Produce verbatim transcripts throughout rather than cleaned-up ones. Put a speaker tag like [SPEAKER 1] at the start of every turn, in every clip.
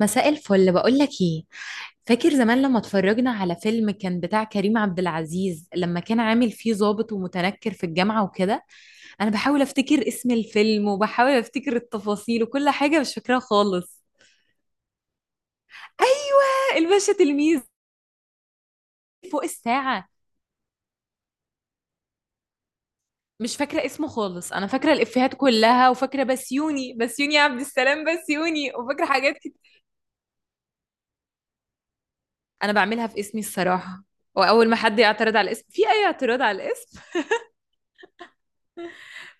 [SPEAKER 1] مساء الفل، بقول لك ايه. فاكر زمان لما اتفرجنا على فيلم كان بتاع كريم عبد العزيز لما كان عامل فيه ضابط ومتنكر في الجامعة وكده؟ انا بحاول افتكر اسم الفيلم وبحاول افتكر التفاصيل وكل حاجة مش فاكراها خالص. ايوه، الباشا تلميذ. فوق الساعة. مش فاكرة اسمه خالص، انا فاكرة الافيهات كلها وفاكرة بسيوني، بسيوني عبد السلام بسيوني، وفاكرة حاجات كتير. انا بعملها في اسمي الصراحة، واول ما حد يعترض على الاسم في اي اعتراض على الاسم.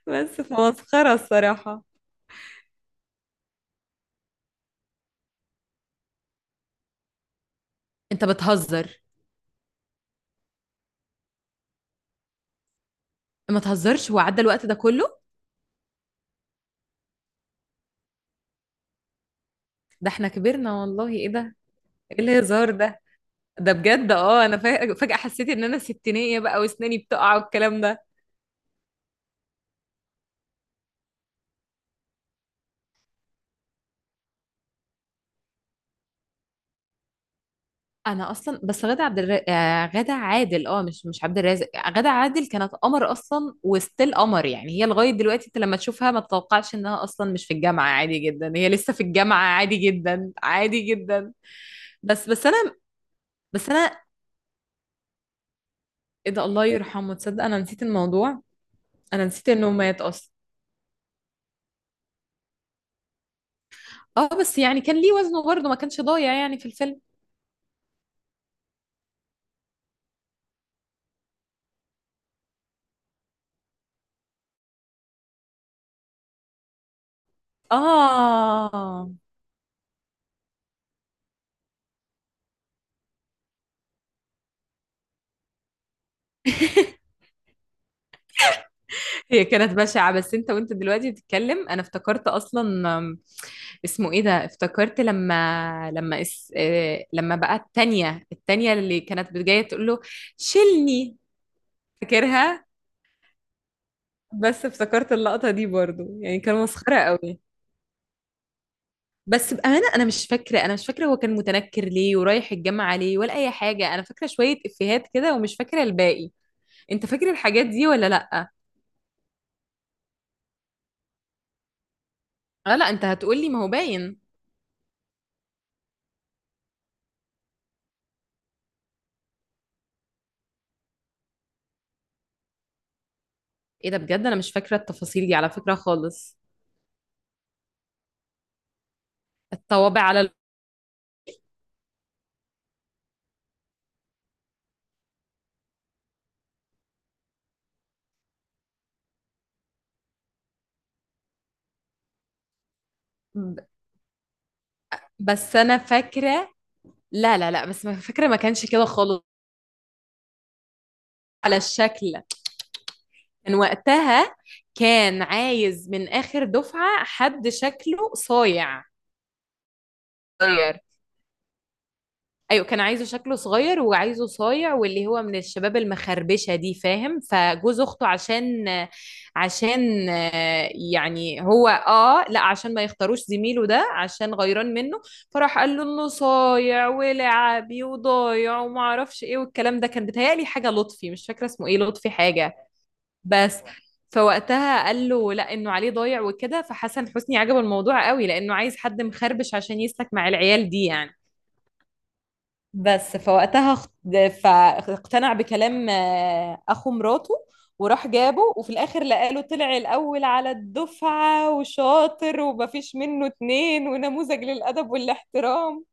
[SPEAKER 1] بس فمسخرة الصراحة. انت بتهزر. ما تهزرش، وعدى الوقت ده كله؟ ده احنا كبرنا والله، ايه ده؟ ايه الهزار ده؟ ده بجد، اه انا فا- فجأة حسيت ان انا ستينية بقى واسناني بتقع والكلام ده. انا اصلا بس غادة عبد الر... آه، غادة عادل، اه مش مش عبد الرازق. غادة عادل كانت قمر اصلا وستيل قمر، يعني هي لغاية دلوقتي انت لما تشوفها ما تتوقعش انها اصلا مش في الجامعة، عادي جدا، هي لسه في الجامعة عادي جدا عادي جدا. بس بس انا. بس انا، ايه ده؟ الله يرحمه، تصدق انا نسيت الموضوع. انا نسيت انه مات اصلا. اه بس يعني كان ليه وزنه برضه، ما كانش ضايع يعني في الفيلم. اه. هي كانت بشعة، بس انت وانت دلوقتي بتتكلم انا افتكرت اصلا. أم، اسمه ايه ده؟ افتكرت لما لما اس... آه، لما بقى التانية التانية اللي كانت جاية تقول له شيلني. فاكرها. بس افتكرت اللقطة دي برضو، يعني كان مسخرة قوي. بس بأمانة أنا مش فاكرة، أنا مش فاكرة هو كان متنكر ليه ورايح الجامعة ليه ولا أي حاجة. أنا فاكرة شوية إفيهات كده ومش فاكرة الباقي. انت فاكر الحاجات دي ولا لا؟ اه لا، انت هتقولي ما هو باين. ايه ده بجد، انا مش فاكره التفاصيل دي على فكره خالص. الطوابع على ال... ب- بس انا فاكره. لا لا لا، بس ما فاكره، ما كانش كده خالص. على الشكل. كان وقتها كان عايز من اخر دفعه حد شكله صايع. ايوه، كان عايزه شكله صغير وعايزه صايع واللي هو من الشباب المخربشه دي، فاهم؟ فجوز اخته عشان، عشان آه، يعني هو اه لا، عشان ما يختاروش زميله ده عشان غيران منه. فراح قال له انه صايع ولعبي وضايع وما اعرفش ايه والكلام ده. كان بيتهيألي حاجه لطفي، مش فاكره اسمه ايه، لطفي حاجه. بس فوقتها قال له لا انه عليه ضايع وكده، فحسن حسني عجبه الموضوع قوي لانه عايز حد مخربش عشان يسلك مع العيال دي يعني. بس فوقتها اخت- فاقتنع بكلام آه، اخو مراته. وراح جابه، وفي الاخر لقاله طلع الاول على الدفعه وشاطر ومفيش منه اتنين ونموذج للادب والاحترام.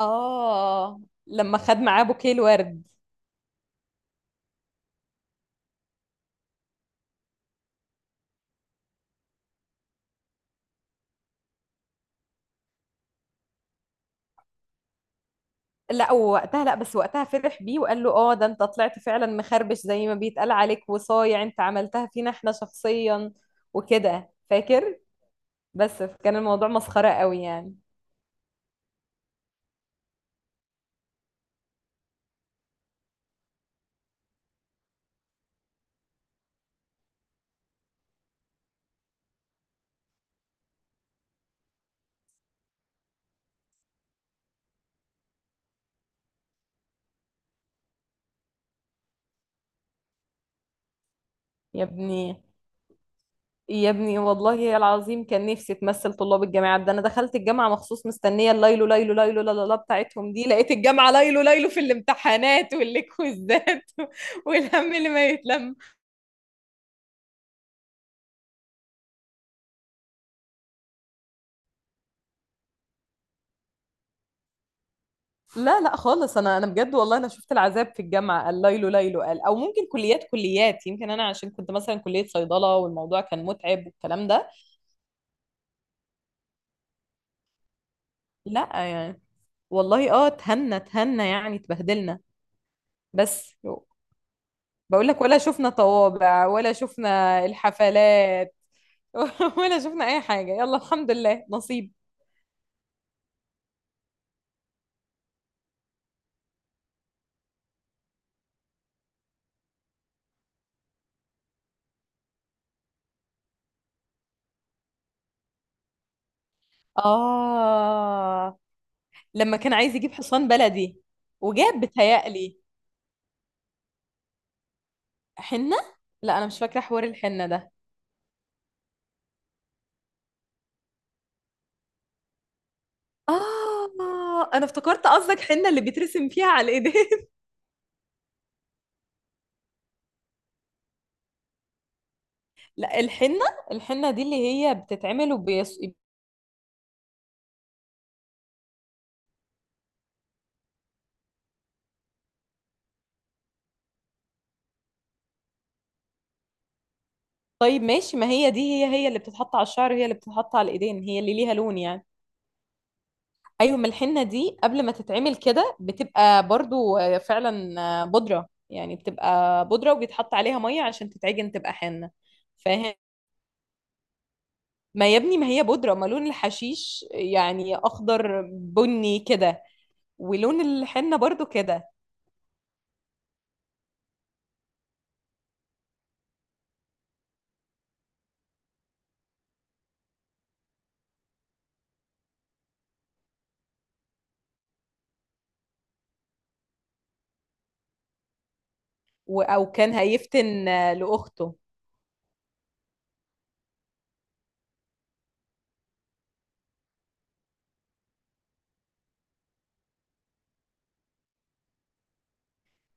[SPEAKER 1] اه، لما خد معاه بوكيه الورد. لا وقتها لا، بس وقتها فرح بيه وقال له اه ده انت طلعت فعلا مخربش زي ما بيتقال عليك وصايع، انت عملتها فينا احنا شخصيا وكده، فاكر؟ بس كان الموضوع مسخره قوي يعني. يا ابني، يا ابني والله يا العظيم كان نفسي تمثل طلاب الجامعات، ده انا دخلت الجامعه مخصوص مستنيه الليلو ليلو ليلو لا لا لا بتاعتهم دي، لقيت الجامعه ليلو ليلو في الامتحانات والكويزات والهم اللي ما يتلم. لا لا خالص، انا انا بجد والله انا شفت العذاب في الجامعه. الليلو ليلو قال؟ او ممكن كليات كليات، يمكن انا عشان كنت مثلا كليه صيدله والموضوع كان متعب والكلام ده. لا يعني، والله اه اتهنا اتهنا يعني، اتبهدلنا. بس بقول لك، ولا شفنا طوابع ولا شفنا الحفلات ولا شفنا اي حاجه، يلا الحمد لله نصيب. آه لما كان عايز يجيب حصان بلدي، وجاب بتهيألي حنه. لا انا مش فاكره حوار الحنه ده. آه، أنا افتكرت قصدك حنة اللي بيترسم فيها على الإيدين. لا الحنه، الحنه دي اللي هي بتتعمل وبيص... طيب ماشي، ما هي دي هي، هي اللي بتتحط على الشعر وهي اللي بتتحط على الايدين، هي اللي ليها لون يعني. ايوه، ما الحنه دي قبل ما تتعمل كده بتبقى برضو فعلا بودره يعني، بتبقى بودره وبيتحط عليها ميه عشان تتعجن تبقى حنه، فاهم؟ ما يا ابني، ما هي بودره، ما لون الحشيش يعني اخضر بني كده، ولون الحنه برضو كده. و- او كان هيفتن لاخته.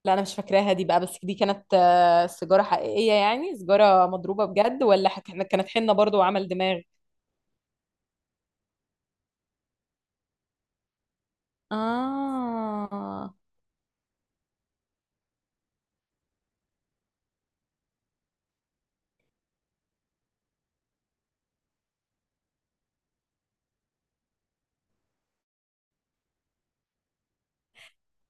[SPEAKER 1] لا انا مش فاكراها دي بقى، بس دي كانت آه، سيجاره حقيقيه يعني، سيجاره مضروبه بجد، ولا ح- كانت حنه برضو وعمل دماغ؟ اه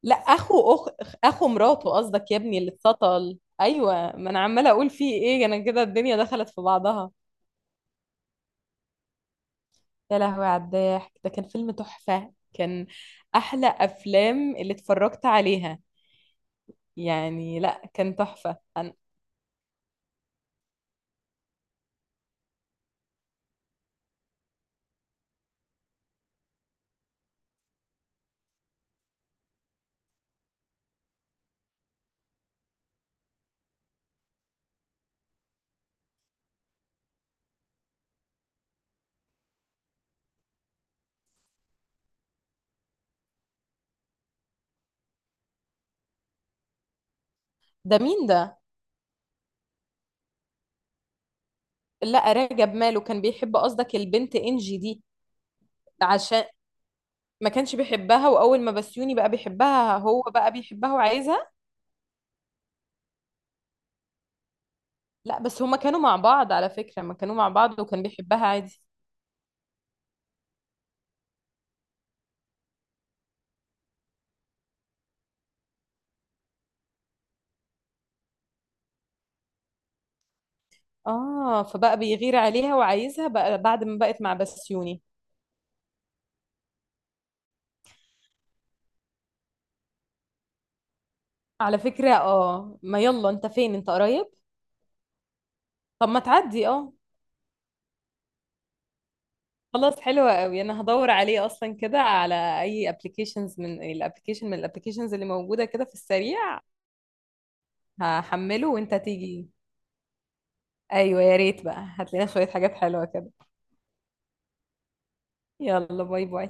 [SPEAKER 1] لا، اخو أخ... اخو مراته قصدك يا ابني اللي اتسطل. ايوه، ما انا عماله اقول فيه ايه، انا كده الدنيا دخلت في بعضها. يا لهوي على الضحك، ده كان فيلم تحفه كان، احلى افلام اللي اتفرجت عليها يعني. لا كان تحفه أنا... ده مين ده؟ لا راجب ماله، كان بيحب قصدك البنت انجي دي؟ عشان ما كانش بيحبها، واول ما بسيوني بقى بيحبها هو بقى بيحبها وعايزها. لا بس هما كانوا مع بعض، على فكرة ما كانوا مع بعض وكان بيحبها عادي. اه، فبقى بيغير عليها وعايزها بقى بعد ما بقت مع بسيوني. على فكرة اه، ما يلا انت فين، انت قريب؟ طب ما تعدي اه. خلاص، حلوة قوي. انا هدور عليه اصلا كده على اي ابلكيشنز، من الابلكيشن من الابلكيشنز اللي موجودة كده في السريع. هحمله وانت تيجي. ايوه، يا ريت بقى هات لنا شوية حاجات حلوة كده. يلا، باي باي.